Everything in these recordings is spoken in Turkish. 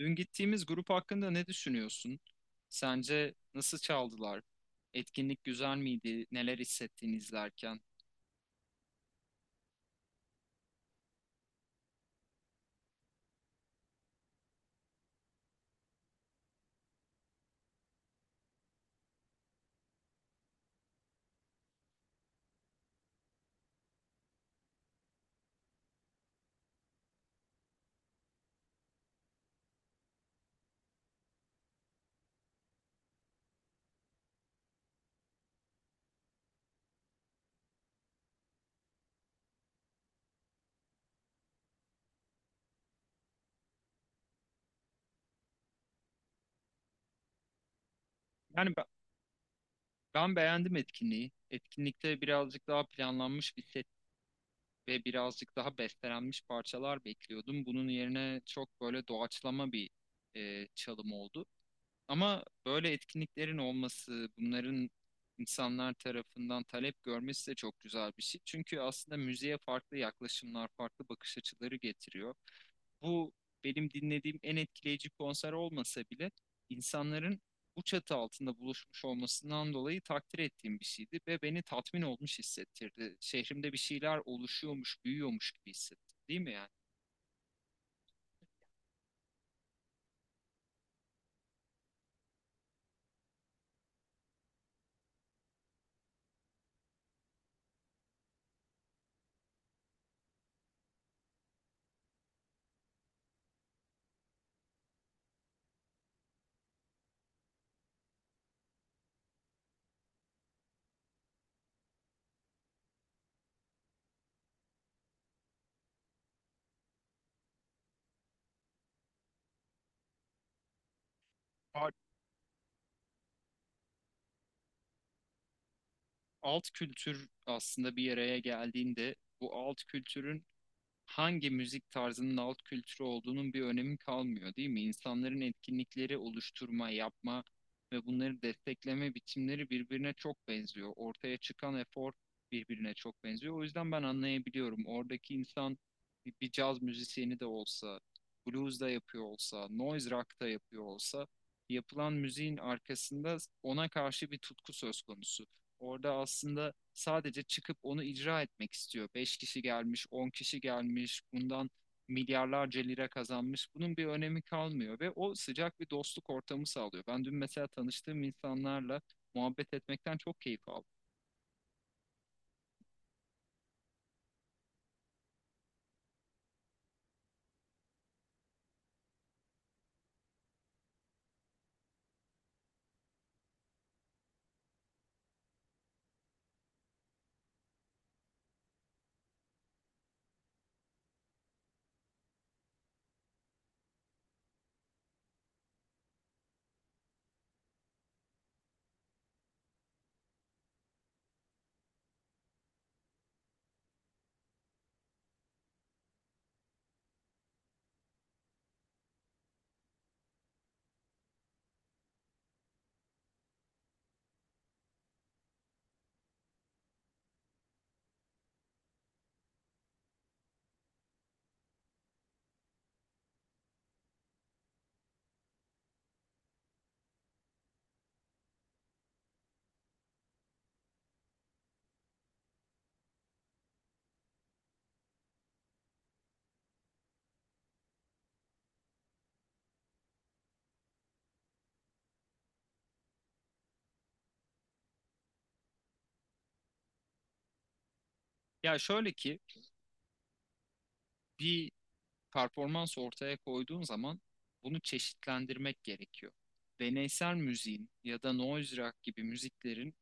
Dün gittiğimiz grup hakkında ne düşünüyorsun? Sence nasıl çaldılar? Etkinlik güzel miydi? Neler hissettin izlerken? Yani ben beğendim etkinliği. Etkinlikte birazcık daha planlanmış bir set ve birazcık daha bestelenmiş parçalar bekliyordum. Bunun yerine çok böyle doğaçlama bir çalım oldu. Ama böyle etkinliklerin olması, bunların insanlar tarafından talep görmesi de çok güzel bir şey. Çünkü aslında müziğe farklı yaklaşımlar, farklı bakış açıları getiriyor. Bu benim dinlediğim en etkileyici konser olmasa bile insanların bu çatı altında buluşmuş olmasından dolayı takdir ettiğim bir şeydi ve beni tatmin olmuş hissettirdi. Şehrimde bir şeyler oluşuyormuş, büyüyormuş gibi hissettim, değil mi yani? Ar- Alt kültür aslında bir araya geldiğinde bu alt kültürün hangi müzik tarzının alt kültürü olduğunun bir önemi kalmıyor, değil mi? İnsanların etkinlikleri oluşturma, yapma ve bunları destekleme biçimleri birbirine çok benziyor. Ortaya çıkan efor birbirine çok benziyor. O yüzden ben anlayabiliyorum. Oradaki insan bir caz müzisyeni de olsa, blues da yapıyor olsa, noise rock da yapıyor olsa, yapılan müziğin arkasında ona karşı bir tutku söz konusu. Orada aslında sadece çıkıp onu icra etmek istiyor. 5 kişi gelmiş, 10 kişi gelmiş, bundan milyarlarca lira kazanmış. Bunun bir önemi kalmıyor ve o sıcak bir dostluk ortamı sağlıyor. Ben dün mesela tanıştığım insanlarla muhabbet etmekten çok keyif aldım. Ya şöyle ki bir performans ortaya koyduğun zaman bunu çeşitlendirmek gerekiyor. Deneysel müziğin ya da noise rock gibi müziklerin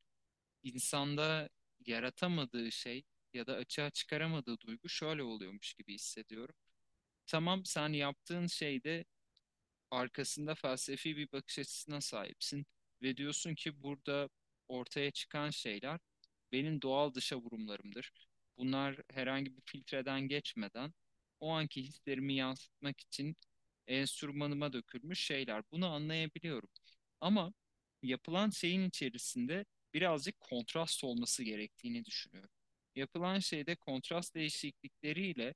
insanda yaratamadığı şey ya da açığa çıkaramadığı duygu şöyle oluyormuş gibi hissediyorum. Tamam, sen yaptığın şeyde arkasında felsefi bir bakış açısına sahipsin ve diyorsun ki burada ortaya çıkan şeyler benim doğal dışa vurumlarımdır. Bunlar herhangi bir filtreden geçmeden o anki hislerimi yansıtmak için enstrümanıma dökülmüş şeyler. Bunu anlayabiliyorum. Ama yapılan şeyin içerisinde birazcık kontrast olması gerektiğini düşünüyorum. Yapılan şeyde kontrast değişiklikleriyle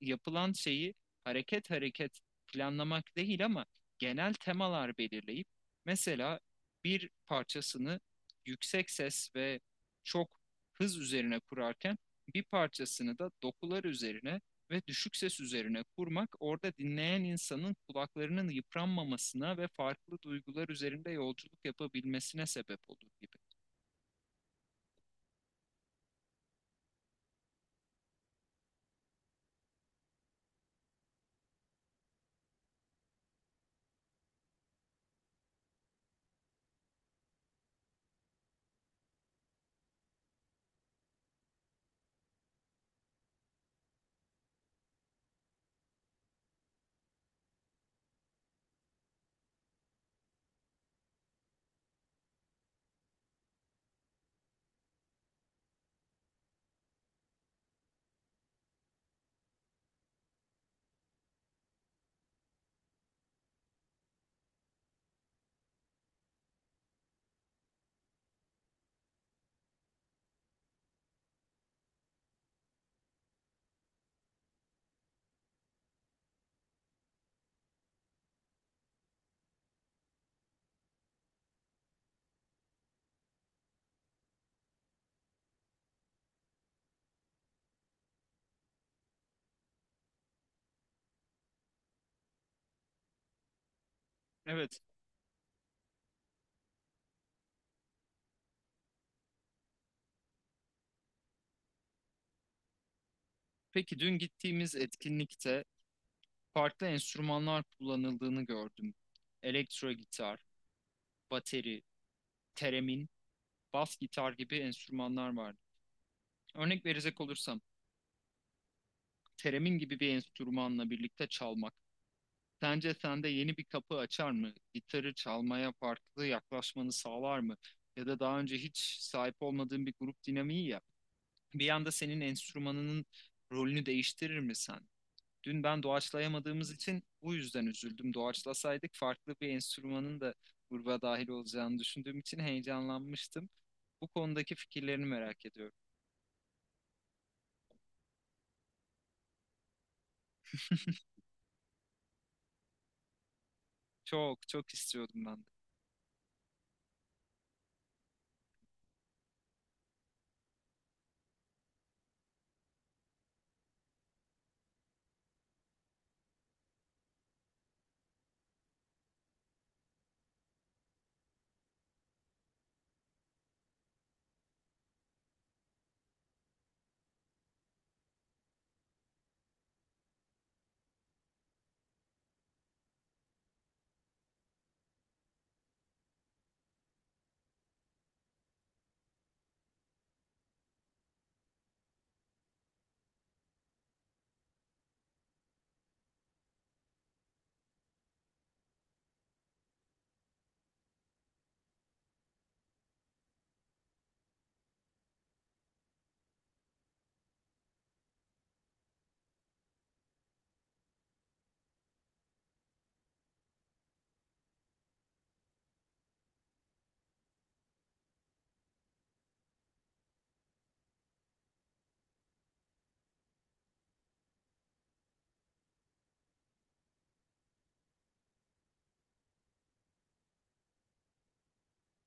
yapılan şeyi hareket hareket planlamak değil ama genel temalar belirleyip mesela bir parçasını yüksek ses ve çok hız üzerine kurarken bir parçasını da dokular üzerine ve düşük ses üzerine kurmak orada dinleyen insanın kulaklarının yıpranmamasına ve farklı duygular üzerinde yolculuk yapabilmesine sebep olur gibi. Evet. Peki dün gittiğimiz etkinlikte farklı enstrümanlar kullanıldığını gördüm. Elektro gitar, bateri, teremin, bas gitar gibi enstrümanlar vardı. Örnek verecek olursam, teremin gibi bir enstrümanla birlikte çalmak. Sence sende yeni bir kapı açar mı? Gitarı çalmaya farklı yaklaşmanı sağlar mı? Ya da daha önce hiç sahip olmadığın bir grup dinamiği ya. Bir anda senin enstrümanının rolünü değiştirir mi sen? Dün ben doğaçlayamadığımız için bu yüzden üzüldüm. Doğaçlasaydık farklı bir enstrümanın da gruba dahil olacağını düşündüğüm için heyecanlanmıştım. Bu konudaki fikirlerini merak ediyorum. Çok çok istiyordum ben de.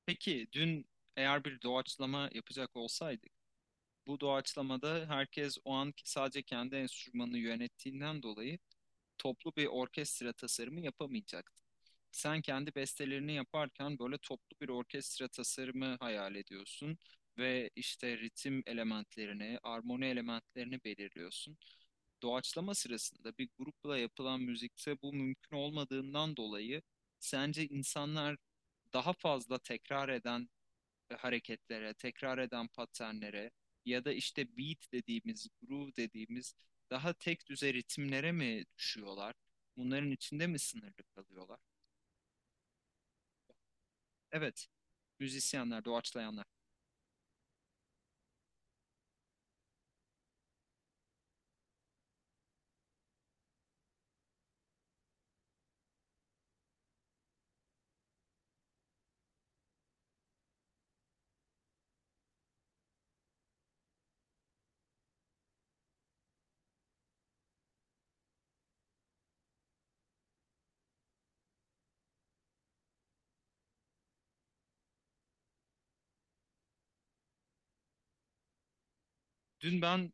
Peki dün eğer bir doğaçlama yapacak olsaydık, bu doğaçlamada herkes o an sadece kendi enstrümanını yönettiğinden dolayı toplu bir orkestra tasarımı yapamayacaktı. Sen kendi bestelerini yaparken böyle toplu bir orkestra tasarımı hayal ediyorsun ve işte ritim elementlerini, armoni elementlerini belirliyorsun. Doğaçlama sırasında bir grupla yapılan müzikte bu mümkün olmadığından dolayı sence insanlar daha fazla tekrar eden hareketlere, tekrar eden paternlere ya da işte beat dediğimiz, groove dediğimiz daha tek düze ritimlere mi düşüyorlar? Bunların içinde mi sınırlı kalıyorlar? Evet, müzisyenler, doğaçlayanlar. Dün ben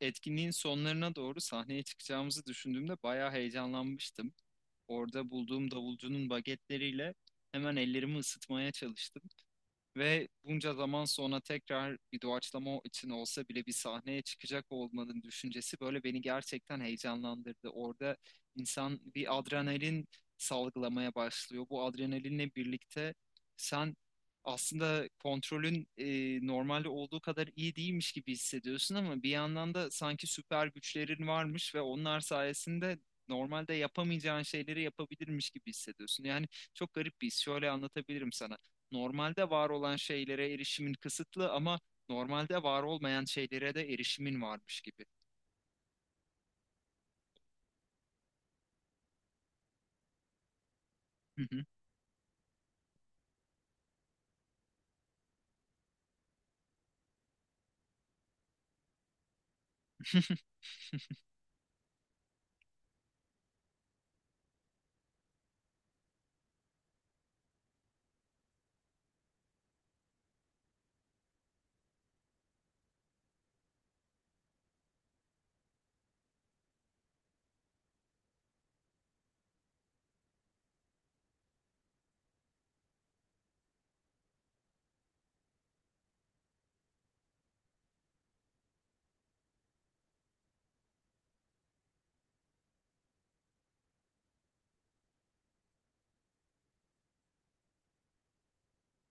etkinliğin sonlarına doğru sahneye çıkacağımızı düşündüğümde bayağı heyecanlanmıştım. Orada bulduğum davulcunun bagetleriyle hemen ellerimi ısıtmaya çalıştım. Ve bunca zaman sonra tekrar bir doğaçlama için olsa bile bir sahneye çıkacak olmanın düşüncesi böyle beni gerçekten heyecanlandırdı. Orada insan bir adrenalin salgılamaya başlıyor. Bu adrenalinle birlikte sen aslında kontrolün normalde olduğu kadar iyi değilmiş gibi hissediyorsun ama bir yandan da sanki süper güçlerin varmış ve onlar sayesinde normalde yapamayacağın şeyleri yapabilirmiş gibi hissediyorsun. Yani çok garip bir his. Şöyle anlatabilirim sana, normalde var olan şeylere erişimin kısıtlı ama normalde var olmayan şeylere de erişimin varmış gibi. Hı hı.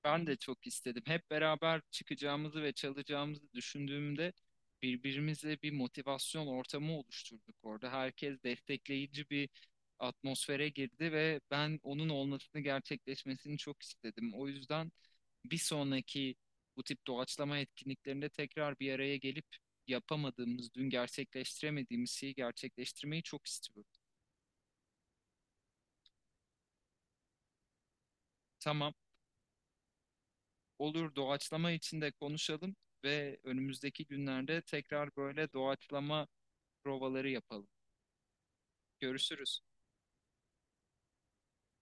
Ben de çok istedim. Hep beraber çıkacağımızı ve çalacağımızı düşündüğümde birbirimize bir motivasyon ortamı oluşturduk orada. Herkes destekleyici bir atmosfere girdi ve ben onun olmasını, gerçekleşmesini çok istedim. O yüzden bir sonraki bu tip doğaçlama etkinliklerinde tekrar bir araya gelip yapamadığımız, dün gerçekleştiremediğimiz şeyi gerçekleştirmeyi çok istiyorum. Tamam, olur, doğaçlama içinde konuşalım ve önümüzdeki günlerde tekrar böyle doğaçlama provaları yapalım. Görüşürüz.